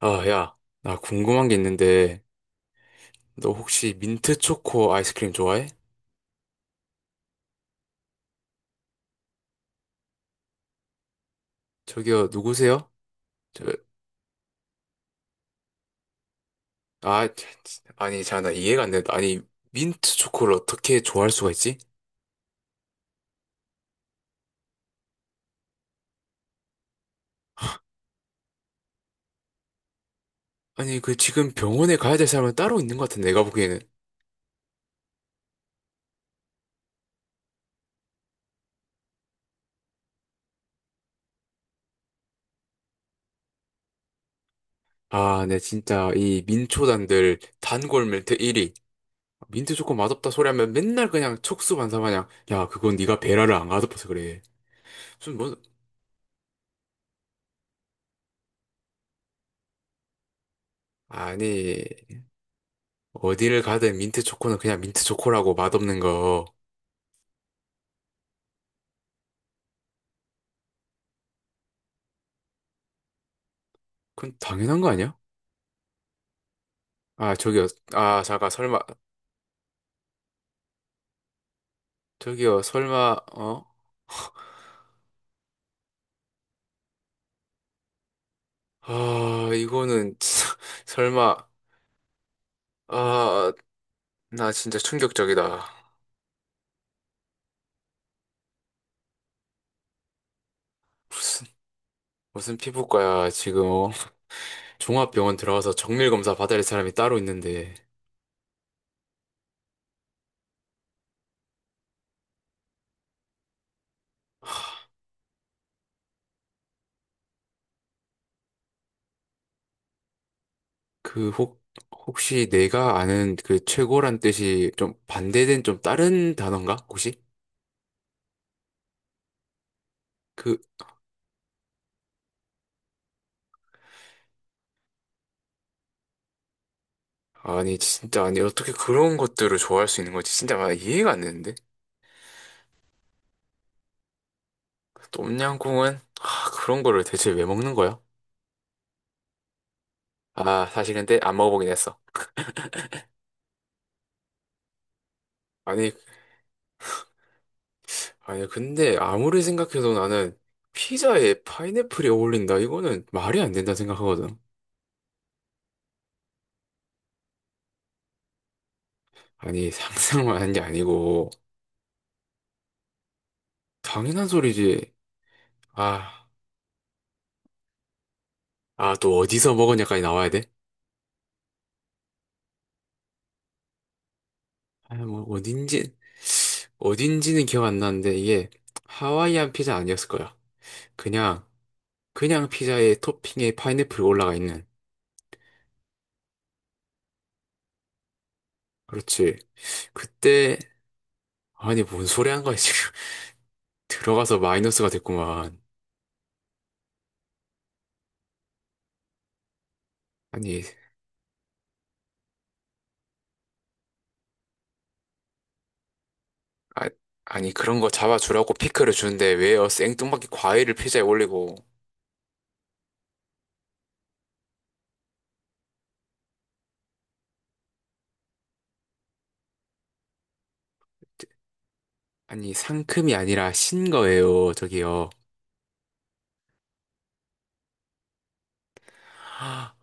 아, 야, 나 궁금한 게 있는데, 너 혹시 민트 초코 아이스크림 좋아해? 저기요, 누구세요? 저, 아, 참, 진짜. 아니, 자, 나 이해가 안 된다. 아니, 민트 초코를 어떻게 좋아할 수가 있지? 아니, 그 지금 병원에 가야 될 사람은 따로 있는 것 같은데, 내가 보기에는. 아, 네, 진짜, 이 민초단들 단골 밀트 1위. 민트 초코 맛없다 소리 하면 맨날 그냥 촉수반사 마냥, 야, 그건 네가 베라를 안 가둬봐서 그래. 무슨, 뭐, 아니, 어디를 가든 민트 초코는 그냥 민트 초코라고 맛없는 거. 그건 당연한 거 아니야? 아, 저기요. 아, 잠깐, 설마. 저기요, 설마, 어? 아, 이거는, 진짜 설마, 아, 나 진짜 충격적이다. 무슨, 무슨 피부과야, 지금, 어? 종합병원 들어가서 정밀검사 받아야 할 사람이 따로 있는데, 그, 혹, 혹시 내가 아는 그 최고란 뜻이 좀 반대된 좀 다른 단어인가? 혹시? 그, 아니, 진짜, 아니, 어떻게 그런 것들을 좋아할 수 있는 거지? 진짜, 아, 이해가 안 되는데? 똠양꿍은 하, 그런 거를 대체 왜 먹는 거야? 아, 사실 근데 안 먹어보긴 했어. 아니, 아니 근데 아무리 생각해도 나는 피자에 파인애플이 어울린다. 이거는 말이 안 된다 생각하거든. 아니, 상상만 한 게 아니고 당연한 소리지. 아, 아, 또 어디서 먹었냐까지 나와야 돼? 아, 뭐 어딘지 어딘지는 기억 안 나는데 이게 하와이안 피자 아니었을 거야. 그냥 그냥 피자에 토핑에 파인애플이 올라가 있는. 그렇지. 그때 아니, 뭔 소리 한 거야, 지금. 들어가서 마이너스가 됐구만. 아니, 아, 아니, 그런 거 잡아주라고 피클을 주는데 왜요? 생뚱맞게 과일을 피자에 올리고. 아니, 상큼이 아니라 신 거예요, 저기요. 아,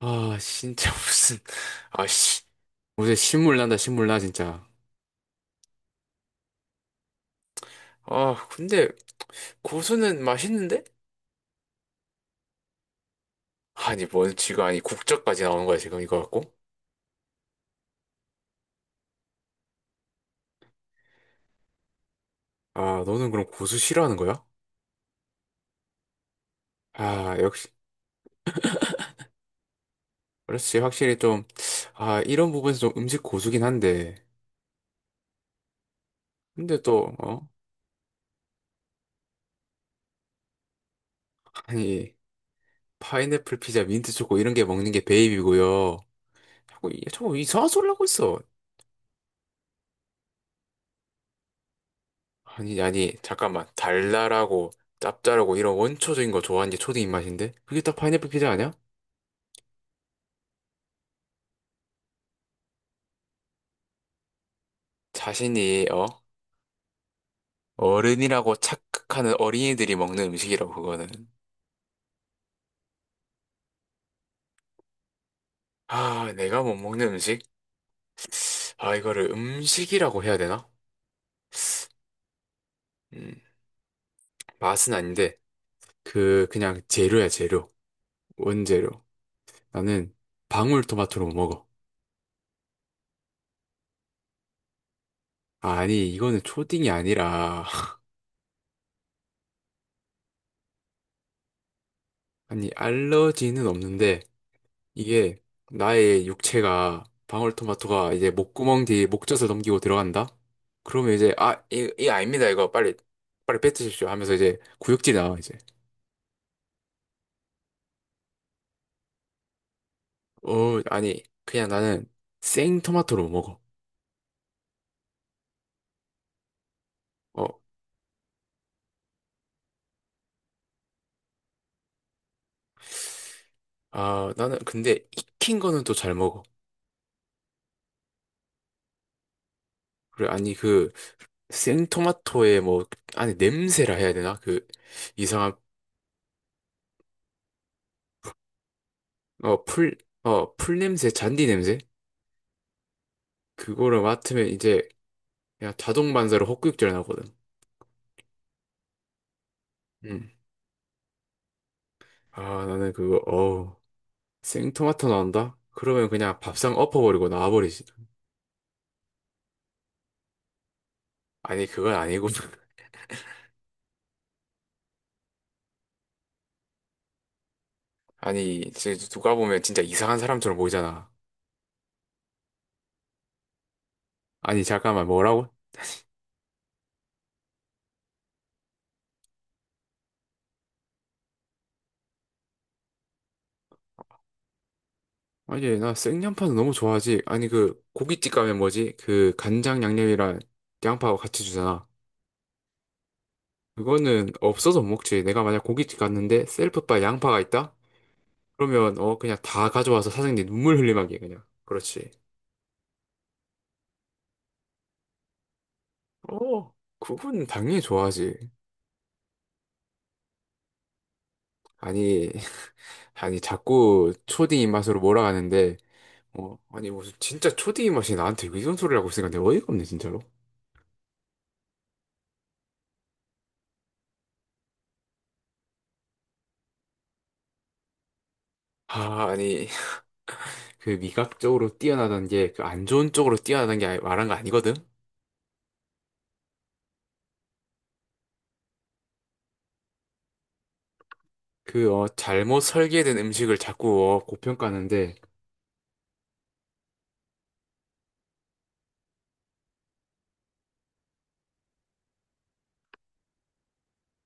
아, 진짜 무슨, 아, 씨. 무슨 신물 난다, 신물 나, 진짜. 아, 근데 고수는 맛있는데? 아니, 뭔 지금, 아니, 국자까지 나오는 거야, 지금 이거 갖고? 아, 너는 그럼 고수 싫어하는 거야? 아, 역시. 그렇지. 확실히 좀, 아, 이런 부분에서 좀 음식 고수긴 한데. 근데 또, 어? 아니, 파인애플 피자, 민트 초코 이런 게 먹는 게 베이비고요. 자꾸, 자꾸 이상한 소리를 하고 있어. 아니, 아니, 잠깐만. 달달하고 짭짤하고 이런 원초적인 거 좋아하는 게 초딩 입맛인데? 그게 다 파인애플 피자 아니야? 자신이, 어? 어른이라고 착각하는 어린이들이 먹는 음식이라고, 그거는. 아, 내가 못 먹는 음식? 아, 이거를 음식이라고 해야 되나? 음, 맛은 아닌데. 그 그냥 재료야 재료 원재료 나는 방울토마토로 못 먹어. 아니 이거는 초딩이 아니라 아니 알러지는 없는데 이게 나의 육체가 방울토마토가 이제 목구멍 뒤 목젖을 넘기고 들어간다 그러면 이제 아 이 아닙니다 이거 빨리 빨리 뱉으십시오 하면서 이제 구역질이 나와 이제 어 아니 그냥 나는 생토마토로 못 먹어. 어 아 나는 근데 익힌 거는 또 잘 먹어. 그래 아니 그 생토마토의 뭐 안에 냄새라 해야 되나? 그 이상한 어 풀 어 풀 냄새, 잔디 냄새? 그거를 맡으면 이제 그냥 자동 반사로 헛구역질 나거든. 음. 아 나는 그거 어우 생토마토 나온다? 그러면 그냥 밥상 엎어버리고 나와버리지. 아니 그건 아니고 아니 진짜 누가 보면 진짜 이상한 사람처럼 보이잖아. 아니 잠깐만 뭐라고? 아니 나 생양파는 너무 좋아하지. 아니 그 고깃집 가면 뭐지? 그 간장 양념이랑 양파하고 같이 주잖아. 그거는 없어서 못 먹지. 내가 만약 고깃집 갔는데 셀프바 양파가 있다? 그러면 어 그냥 다 가져와서 사장님 눈물 흘리막이 그냥. 그렇지. 어 그건 당연히 좋아하지. 아니 아니 자꾸 초딩 입맛으로 몰아가는데 어 아니 무슨 진짜 초딩 입맛이 나한테 이런 소리를 하고 있으니까 내가 어이가 없네 진짜로. 아 아니 그 미각적으로 뛰어나던 게 그 안 좋은 쪽으로 뛰어나던 게 말한 거 아니거든. 그 어 잘못 설계된 음식을 자꾸 어, 고평가하는데.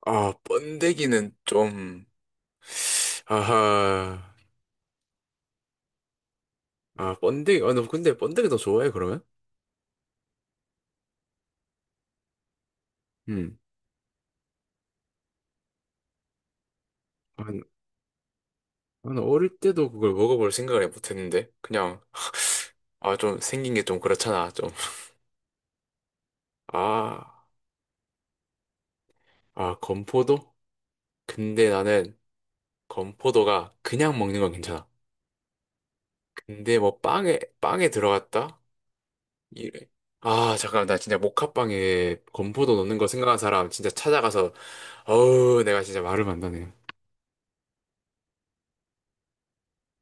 아, 번데기는 좀, 아하, 아, 번데기, 아, 너 근데 번데기 더 좋아해, 그러면? 음. 아, 나는 어릴 때도 그걸 먹어볼 생각을 못 했는데, 그냥, 아, 좀 생긴 게 좀 그렇잖아, 좀. 아, 아, 건포도? 근데 나는 건포도가 그냥 먹는 건 괜찮아. 근데 뭐 빵에, 빵에 들어갔다? 이래. 아, 잠깐만, 나 진짜 모카빵에 건포도 넣는 거 생각한 사람 진짜 찾아가서, 어우, 내가 진짜 말을 만다네.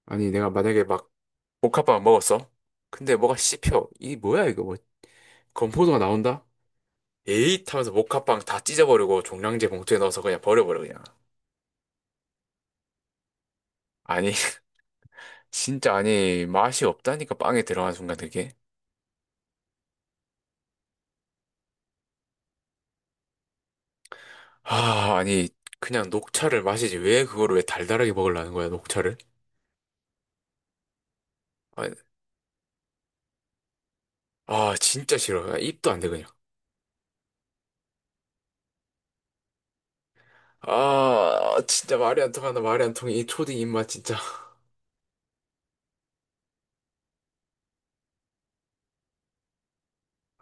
아니, 내가 만약에 막, 복합밥 먹었어? 근데 뭐가 씹혀. 이 뭐야 이거 뭐 건포도가 나온다? 에잇 하면서 목합빵 다 찢어버리고 종량제 봉투에 넣어서 그냥 버려버려 그냥. 아니 진짜 아니 맛이 없다니까 빵에 들어간 순간 그게. 아 아니 그냥 녹차를 마시지 왜 그거를 왜 달달하게 먹으려는 거야 녹차를? 아, 아 진짜 싫어. 아, 입도 안 돼 그냥. 아 진짜 말이 안 통한다 말이 안 통해 이 초딩 입맛 진짜.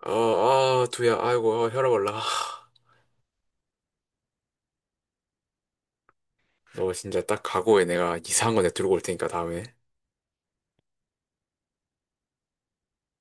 아아 두야 아이고 아, 혈압 올라. 너 진짜 딱 각오해 내가 이상한 거 내가 들고 올 테니까 다음에.